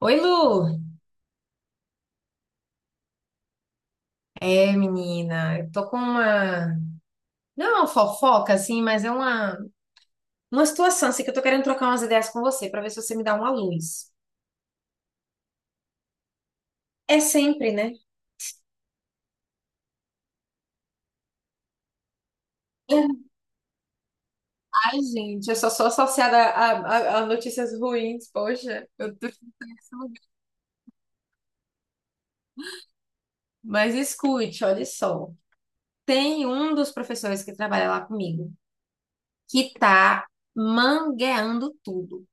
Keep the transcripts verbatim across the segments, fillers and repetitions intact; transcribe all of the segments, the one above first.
Oi, Lu. É, menina, eu tô com uma, não é uma fofoca assim, mas é uma uma situação assim que eu tô querendo trocar umas ideias com você pra ver se você me dá uma luz. É sempre, né? Ai, gente, eu só sou associada a, a- a notícias ruins, poxa, eu tô nesse lugar. Mas escute, olha só. Tem um dos professores que trabalha lá comigo que tá mangueando tudo.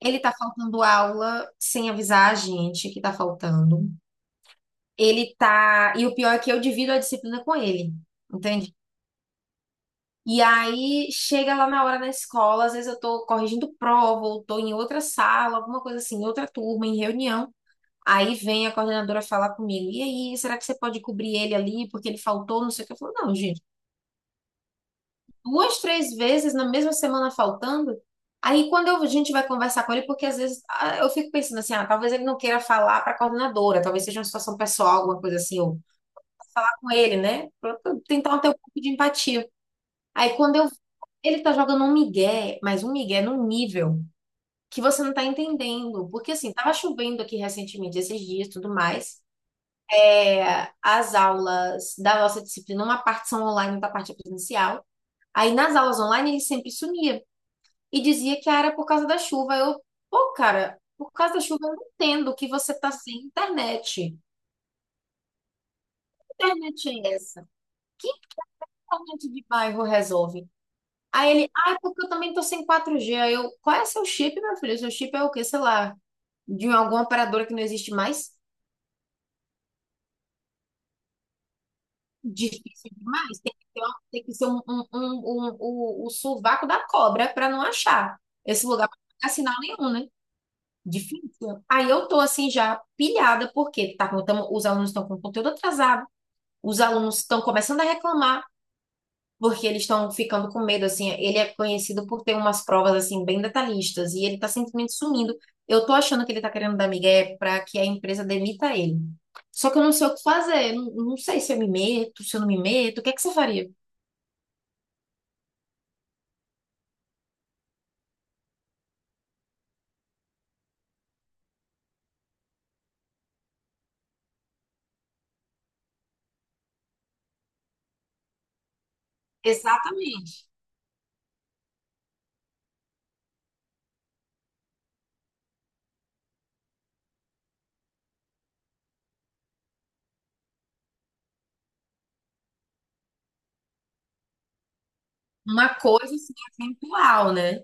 Ele tá faltando aula sem avisar a gente que tá faltando. Ele tá. E o pior é que eu divido a disciplina com ele, entende? E aí chega lá na hora na escola, às vezes eu tô corrigindo prova, ou tô em outra sala, alguma coisa assim, em outra turma, em reunião. Aí vem a coordenadora falar comigo, e aí, será que você pode cobrir ele ali, porque ele faltou, não sei o que. Eu falo, não, gente, duas, três vezes na mesma semana faltando. Aí quando eu- a gente vai conversar com ele, porque às vezes ah, eu fico pensando assim, ah, talvez ele não queira falar para a coordenadora, talvez seja uma situação pessoal, alguma coisa assim, ou com ele, né? Pra pra tentar ter um pouco de empatia. Aí quando eu. Ele tá jogando um migué, mas um migué num nível que você não tá entendendo. Porque assim, tava chovendo aqui recentemente, esses dias e tudo mais. É, as aulas da nossa disciplina, uma parte são online, outra parte é presencial. Aí nas aulas online ele sempre sumia e dizia que era por causa da chuva. Eu, pô, cara, por causa da chuva eu não entendo que você tá sem internet. Que internet é essa? Que internet de bairro resolve? Aí ele, ah, é porque eu também tô sem quatro G. Aí eu, qual é seu chip, meu filho? Seu chip é o quê? Sei lá, de alguma operadora que não existe mais? Difícil demais. Tem que ter, uma- tem que ser um, um, um- um- o, o sovaco da cobra para não achar esse lugar pra não pegar sinal nenhum, né? Difícil. Aí eu tô assim já pilhada, porque tá, com- tamo- os alunos estão com conteúdo atrasado, os alunos estão começando a reclamar. Porque eles estão ficando com medo, assim, ele é conhecido por ter umas provas, assim, bem detalhistas, e ele tá simplesmente sumindo. Eu tô achando que ele tá querendo dar migué para que a empresa demita ele. Só que eu não sei o que fazer, não, não sei se eu me meto, se eu não me meto, o que é que você faria? Exatamente. Uma coisa, assim, atemporal, né?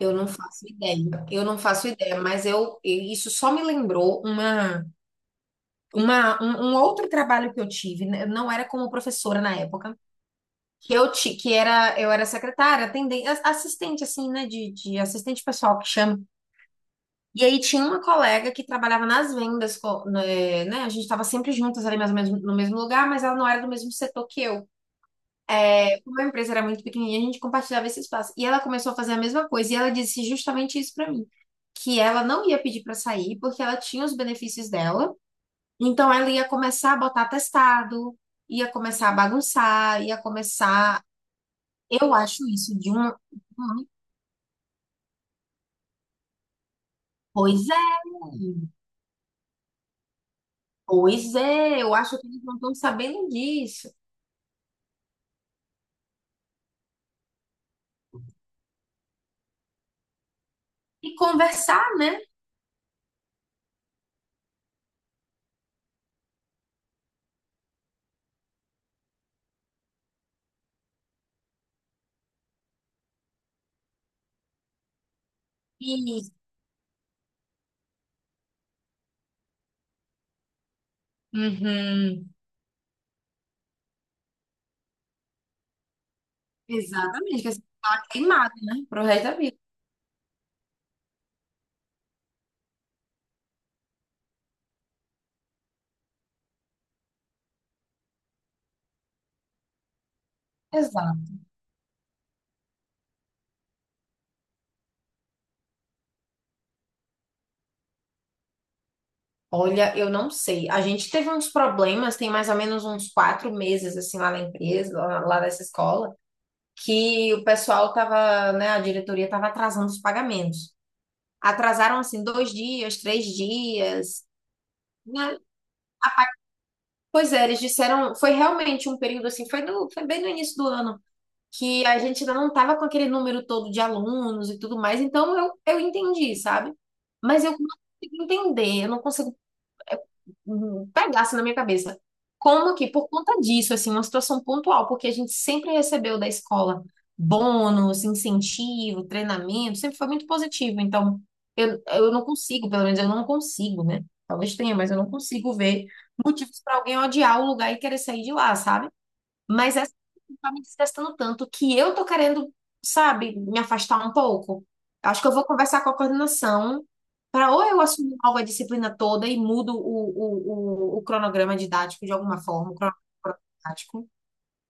Eu não faço ideia, eu não faço ideia, mas eu, eu- isso só me lembrou uma, uma, um, um outro trabalho que eu tive, né? Eu não era como professora na época, que eu ti- que era eu era secretária, atendente, assistente assim, né, de, de assistente pessoal que chama. E aí tinha uma colega que trabalhava nas vendas, co- né, né, a gente estava sempre juntas ali mais ou menos no mesmo lugar, mas ela não era do mesmo setor que eu. É, Como a empresa era muito pequenininha, a gente compartilhava esse espaço. E ela começou a fazer a mesma coisa e ela disse justamente isso para mim, que ela não ia pedir para sair porque ela tinha os benefícios dela. Então ela ia começar a botar atestado, ia começar a bagunçar, ia começar, eu acho isso de um um Pois é, pois é, eu acho que eles não estão sabendo disso. E conversar, né? E, uhum. Exatamente, que assim, tá queimado, né? Pro resto da vida. Exato. Olha, eu não sei. A gente teve uns problemas, tem mais ou menos uns quatro meses, assim, lá na empresa, lá, lá nessa escola, que o pessoal tava, né, a diretoria tava atrasando os pagamentos. Atrasaram, assim, dois dias, três dias, né? Pois é, eles disseram, foi realmente um período assim, foi, no, foi bem no início do ano, que a gente ainda não estava com aquele número todo de alunos e tudo mais, então eu, eu entendi, sabe? Mas eu não consigo entender, eu não consigo hum, pegasse na minha cabeça. Como que, por conta disso, assim, uma situação pontual, porque a gente sempre recebeu da escola bônus, incentivo, treinamento, sempre foi muito positivo. Então, eu, eu não consigo, pelo menos eu não consigo, né? Talvez tenha, mas eu não consigo ver motivos para alguém odiar o lugar e querer sair de lá, sabe? Mas essa coisa tá me desgastando tanto que eu tô querendo, sabe, me afastar um pouco. Acho que eu vou conversar com a coordenação para ou eu assumo logo a disciplina toda e mudo o, o, o, o cronograma didático de alguma forma, o cronograma didático.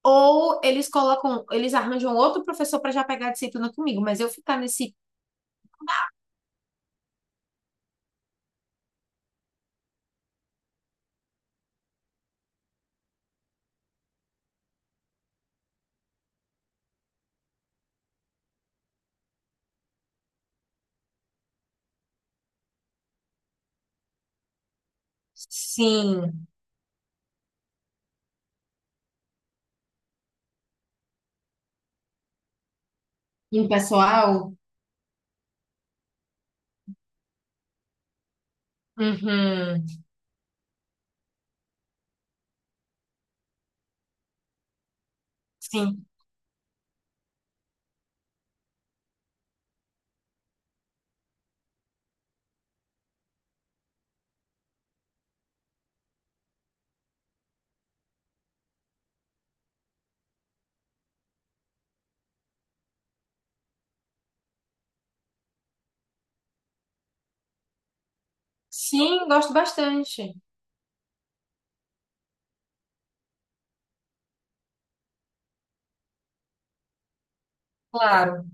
Ou eles colocam, eles arranjam outro professor para já pegar a disciplina comigo, mas eu ficar nesse sim, impessoal, uhum, sim, sim, gosto bastante, claro.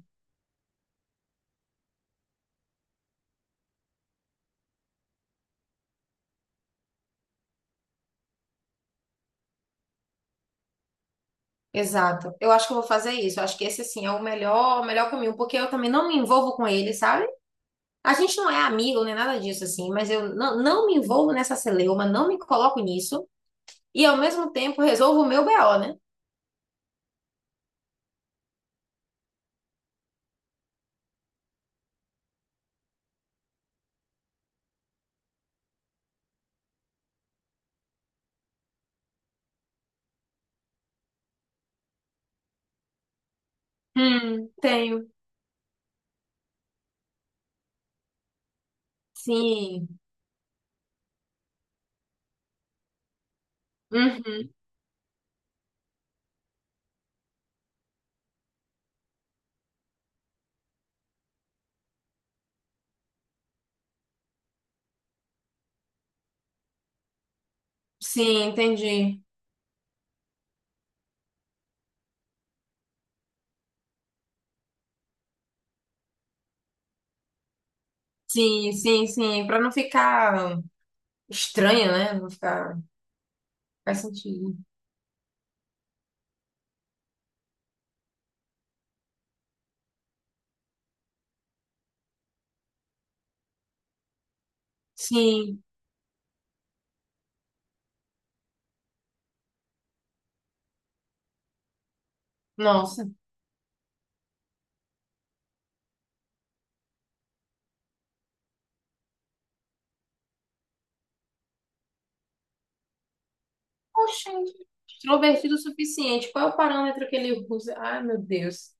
Exato. Eu acho que eu vou fazer isso. Eu acho que esse, assim, é o melhor, o melhor caminho, porque eu também não me envolvo com ele, sabe? A gente não é amigo nem nada disso, assim, mas eu não, não me envolvo nessa celeuma, não me coloco nisso, e ao mesmo tempo resolvo o meu B O, né? Hum, tenho. Sim. Uhum. Sim, entendi. Sim, sim, sim. Pra não ficar estranho, né? Não ficar. Faz sentido. Sim. Nossa. Poxa, extrovertido o suficiente. Qual é o parâmetro que ele usa? Ai, meu Deus.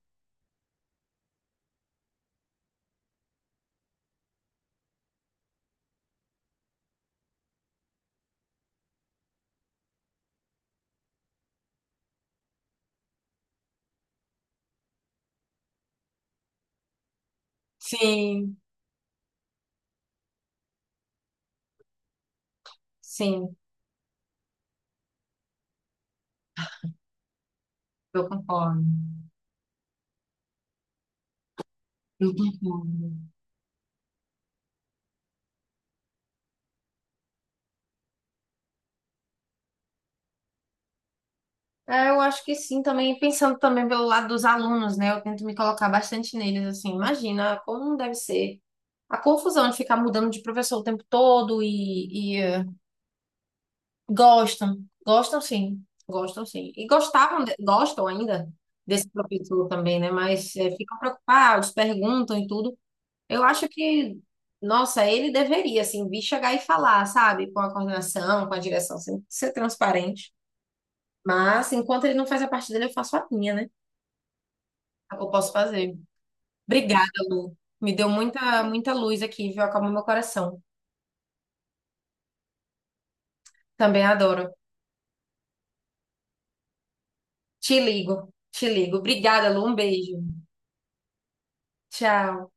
Sim, sim, eu concordo. Eu concordo. É, eu acho que sim, também pensando também pelo lado dos alunos, né? Eu tento me colocar bastante neles, assim, imagina como deve ser a confusão de ficar mudando de professor o tempo todo e, e, eh, gostam, gostam sim, gostam sim. E gostavam, de- gostam ainda desse professor também, né? Mas eh, ficam preocupados, perguntam e tudo. Eu acho que, nossa, ele deveria, assim, vir chegar e falar, sabe? Com a coordenação, com a direção, assim, ser transparente. Mas, enquanto ele não faz a parte dele, eu faço a minha, né? É o que eu posso fazer. Obrigada, Lu. Me deu muita, muita luz aqui, viu? Acalmou meu coração. Também adoro. Te ligo, te ligo. Obrigada, Lu. Um beijo. Tchau.